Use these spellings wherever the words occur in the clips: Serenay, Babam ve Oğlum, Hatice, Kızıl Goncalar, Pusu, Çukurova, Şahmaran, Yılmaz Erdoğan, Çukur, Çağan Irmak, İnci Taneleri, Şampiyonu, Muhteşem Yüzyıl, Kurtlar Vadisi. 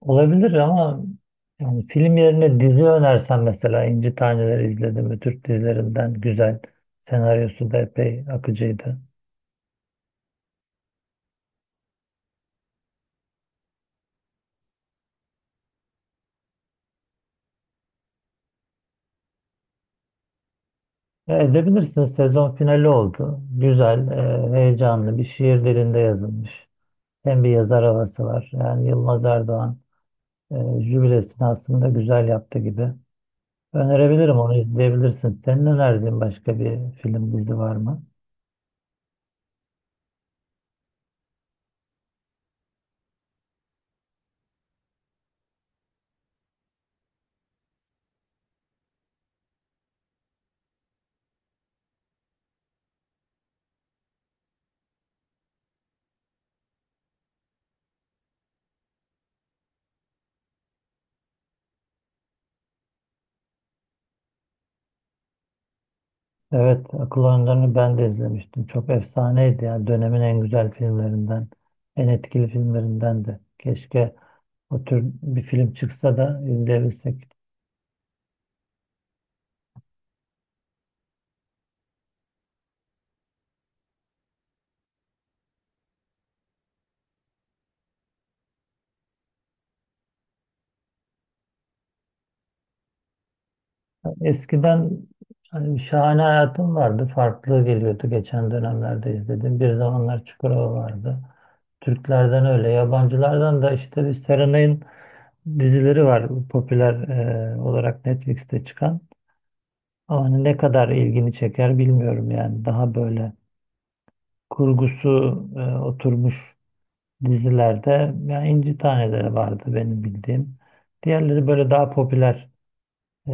Olabilir ama yani film yerine dizi önersen mesela İnci Taneleri izledim mi Türk dizilerinden güzel. Senaryosu da epey akıcıydı. Edebilirsin sezon finali oldu. Güzel, heyecanlı bir şiir dilinde yazılmış. Hem bir yazar havası var. Yani Yılmaz Erdoğan e, jübilesini aslında güzel yaptı gibi. Önerebilirim onu izleyebilirsin. Senin önerdiğin başka bir film dizi var mı? Evet, Akıl Oyunları'nı ben de izlemiştim. Çok efsaneydi ya. Dönemin en güzel filmlerinden, en etkili filmlerinden de. Keşke o tür bir film çıksa da izleyebilsek. Eskiden hani bir şahane hayatım vardı. Farklı geliyordu geçen dönemlerde izledim. Bir zamanlar Çukurova vardı. Türklerden öyle, yabancılardan da işte bir Serenay'ın dizileri var popüler olarak Netflix'te çıkan. Ama hani ne kadar ilgini çeker bilmiyorum yani. Daha böyle kurgusu oturmuş dizilerde yani İnci Taneleri vardı benim bildiğim. Diğerleri böyle daha popüler e,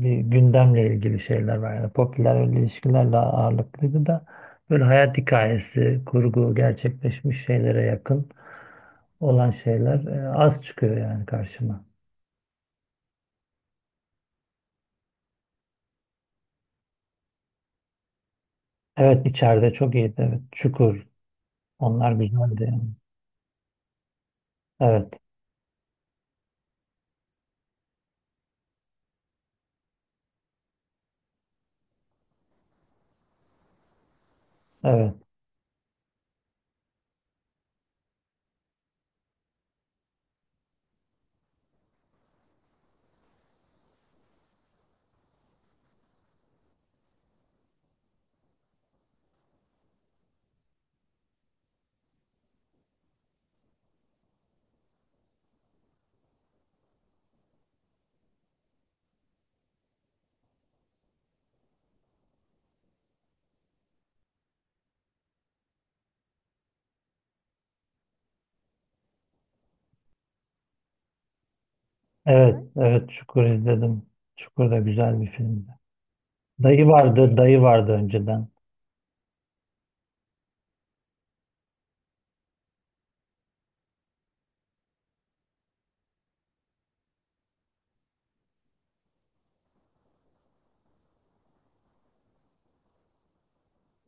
bir gündemle ilgili şeyler var. Yani popüler öyle ilişkilerle ağırlıklıydı da böyle hayat hikayesi, kurgu gerçekleşmiş şeylere yakın olan şeyler az çıkıyor yani karşıma. Evet içeride çok iyiydi. Evet. Çukur. Onlar güzeldi yani. Evet. Evet. Evet. Evet. Çukur izledim. Çukur da güzel bir filmdi. Dayı vardı, dayı vardı önceden.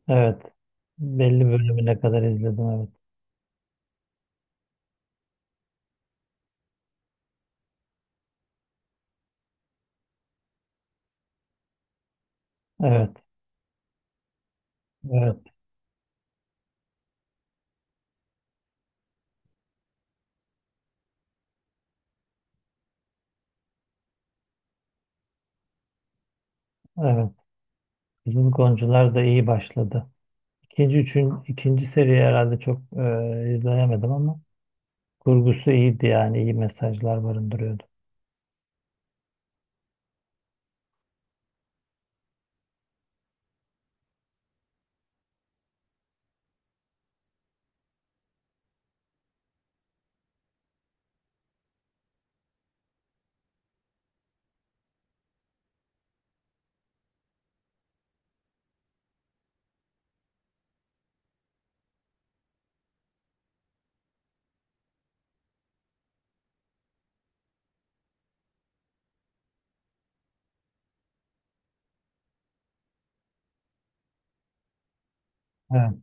Evet. Belli bölümüne kadar izledim. Evet. Evet. Evet. Evet. Kızıl Goncalar da iyi başladı. İkinci seriyi herhalde çok izleyemedim ama kurgusu iyiydi yani. İyi mesajlar barındırıyordu. Evet.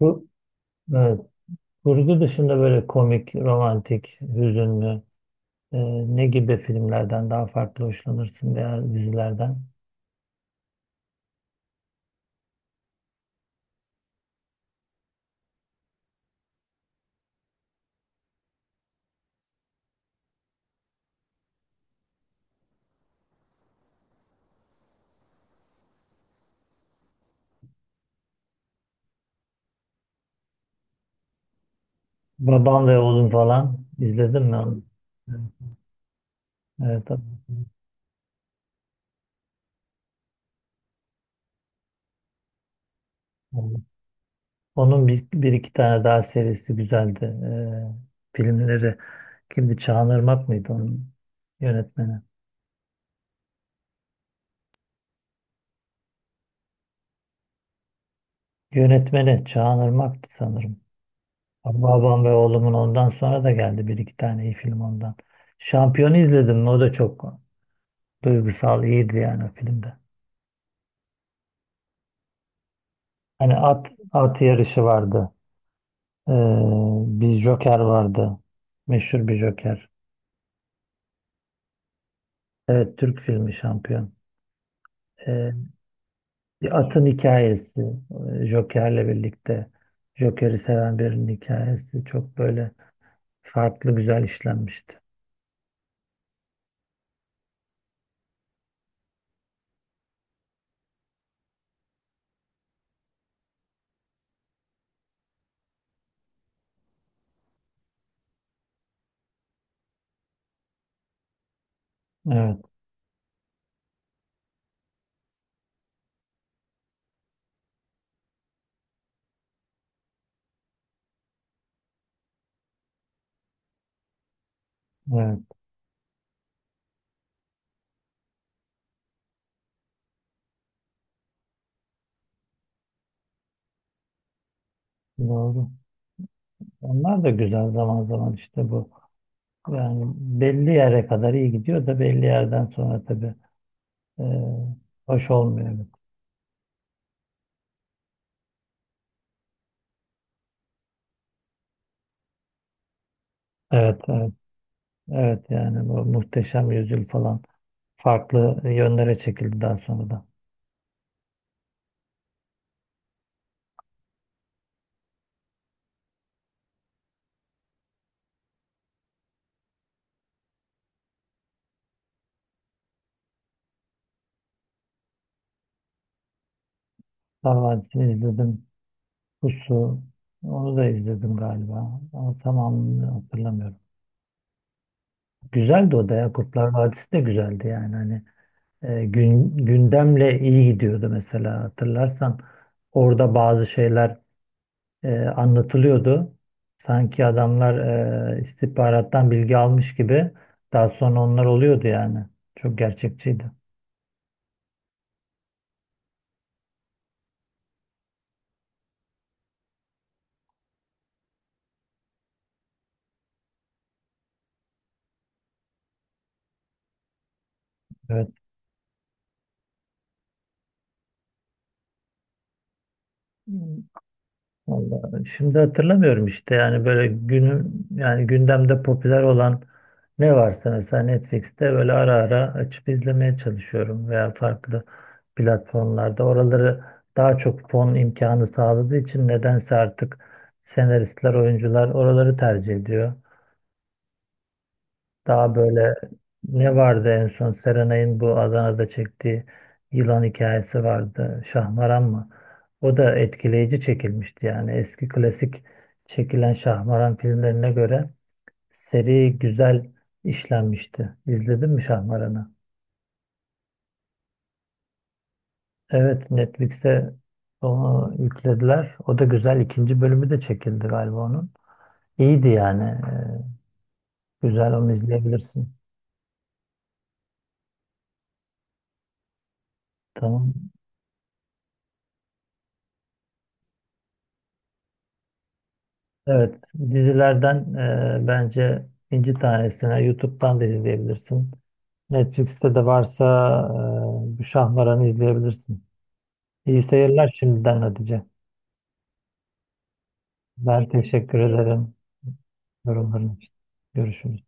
Bu, evet. Kurgu dışında böyle komik, romantik, hüzünlü e, ne gibi filmlerden daha farklı hoşlanırsın veya dizilerden? Babam ve Oğlum falan izledin mi onu? Evet. Evet. Evet. Onun bir iki tane daha serisi güzeldi. Filmleri kimdi? Çağan Irmak mıydı onun yönetmeni? Yönetmeni Çağan Irmak'tı sanırım. Babam ve oğlumun ondan sonra da geldi bir iki tane iyi film ondan. Şampiyonu izledim mi? O da çok duygusal, iyiydi yani o filmde. Hani at yarışı vardı. Ee, bir Joker vardı. Meşhur bir Joker. Evet, Türk filmi şampiyon. Ee, Bir atın hikayesi, Joker'le birlikte Joker'i seven birinin hikayesi çok böyle farklı güzel işlenmişti. Evet, evet, doğru. Onlar da güzel zaman zaman işte bu. Yani belli yere kadar iyi gidiyor da belli yerden sonra tabii e, hoş olmuyor. Evet, evet, evet yani bu Muhteşem Yüzyıl falan farklı yönlere çekildi daha sonra da. Sarvancı'nı izledim. Pusu. Onu da izledim galiba. Ama tamamını hatırlamıyorum. Güzeldi o da ya. Kurtlar Vadisi de güzeldi yani. Hani gündemle iyi gidiyordu mesela hatırlarsan. Orada bazı şeyler anlatılıyordu. Sanki adamlar istihbarattan bilgi almış gibi. Daha sonra onlar oluyordu yani. Çok gerçekçiydi. Evet. Vallahi şimdi hatırlamıyorum işte yani böyle günün yani gündemde popüler olan ne varsa mesela Netflix'te böyle ara ara açıp izlemeye çalışıyorum veya farklı platformlarda oraları daha çok fon imkanı sağladığı için nedense artık senaristler, oyuncular oraları tercih ediyor. Daha böyle ne vardı en son Serenay'ın bu Adana'da çektiği yılan hikayesi vardı. Şahmaran mı? O da etkileyici çekilmişti yani. Eski klasik çekilen Şahmaran filmlerine göre seri güzel işlenmişti. İzledin mi Şahmaran'ı? Evet Netflix'te onu yüklediler. O da güzel. İkinci bölümü de çekildi galiba onun. İyiydi yani. Güzel onu izleyebilirsin. Tamam. Evet, dizilerden bence inci tanesine YouTube'dan da izleyebilirsin. Netflix'te de varsa bu Şahmaran'ı izleyebilirsin. İyi seyirler şimdiden Hatice. Ben teşekkür ederim yorumların için. Görüşürüz.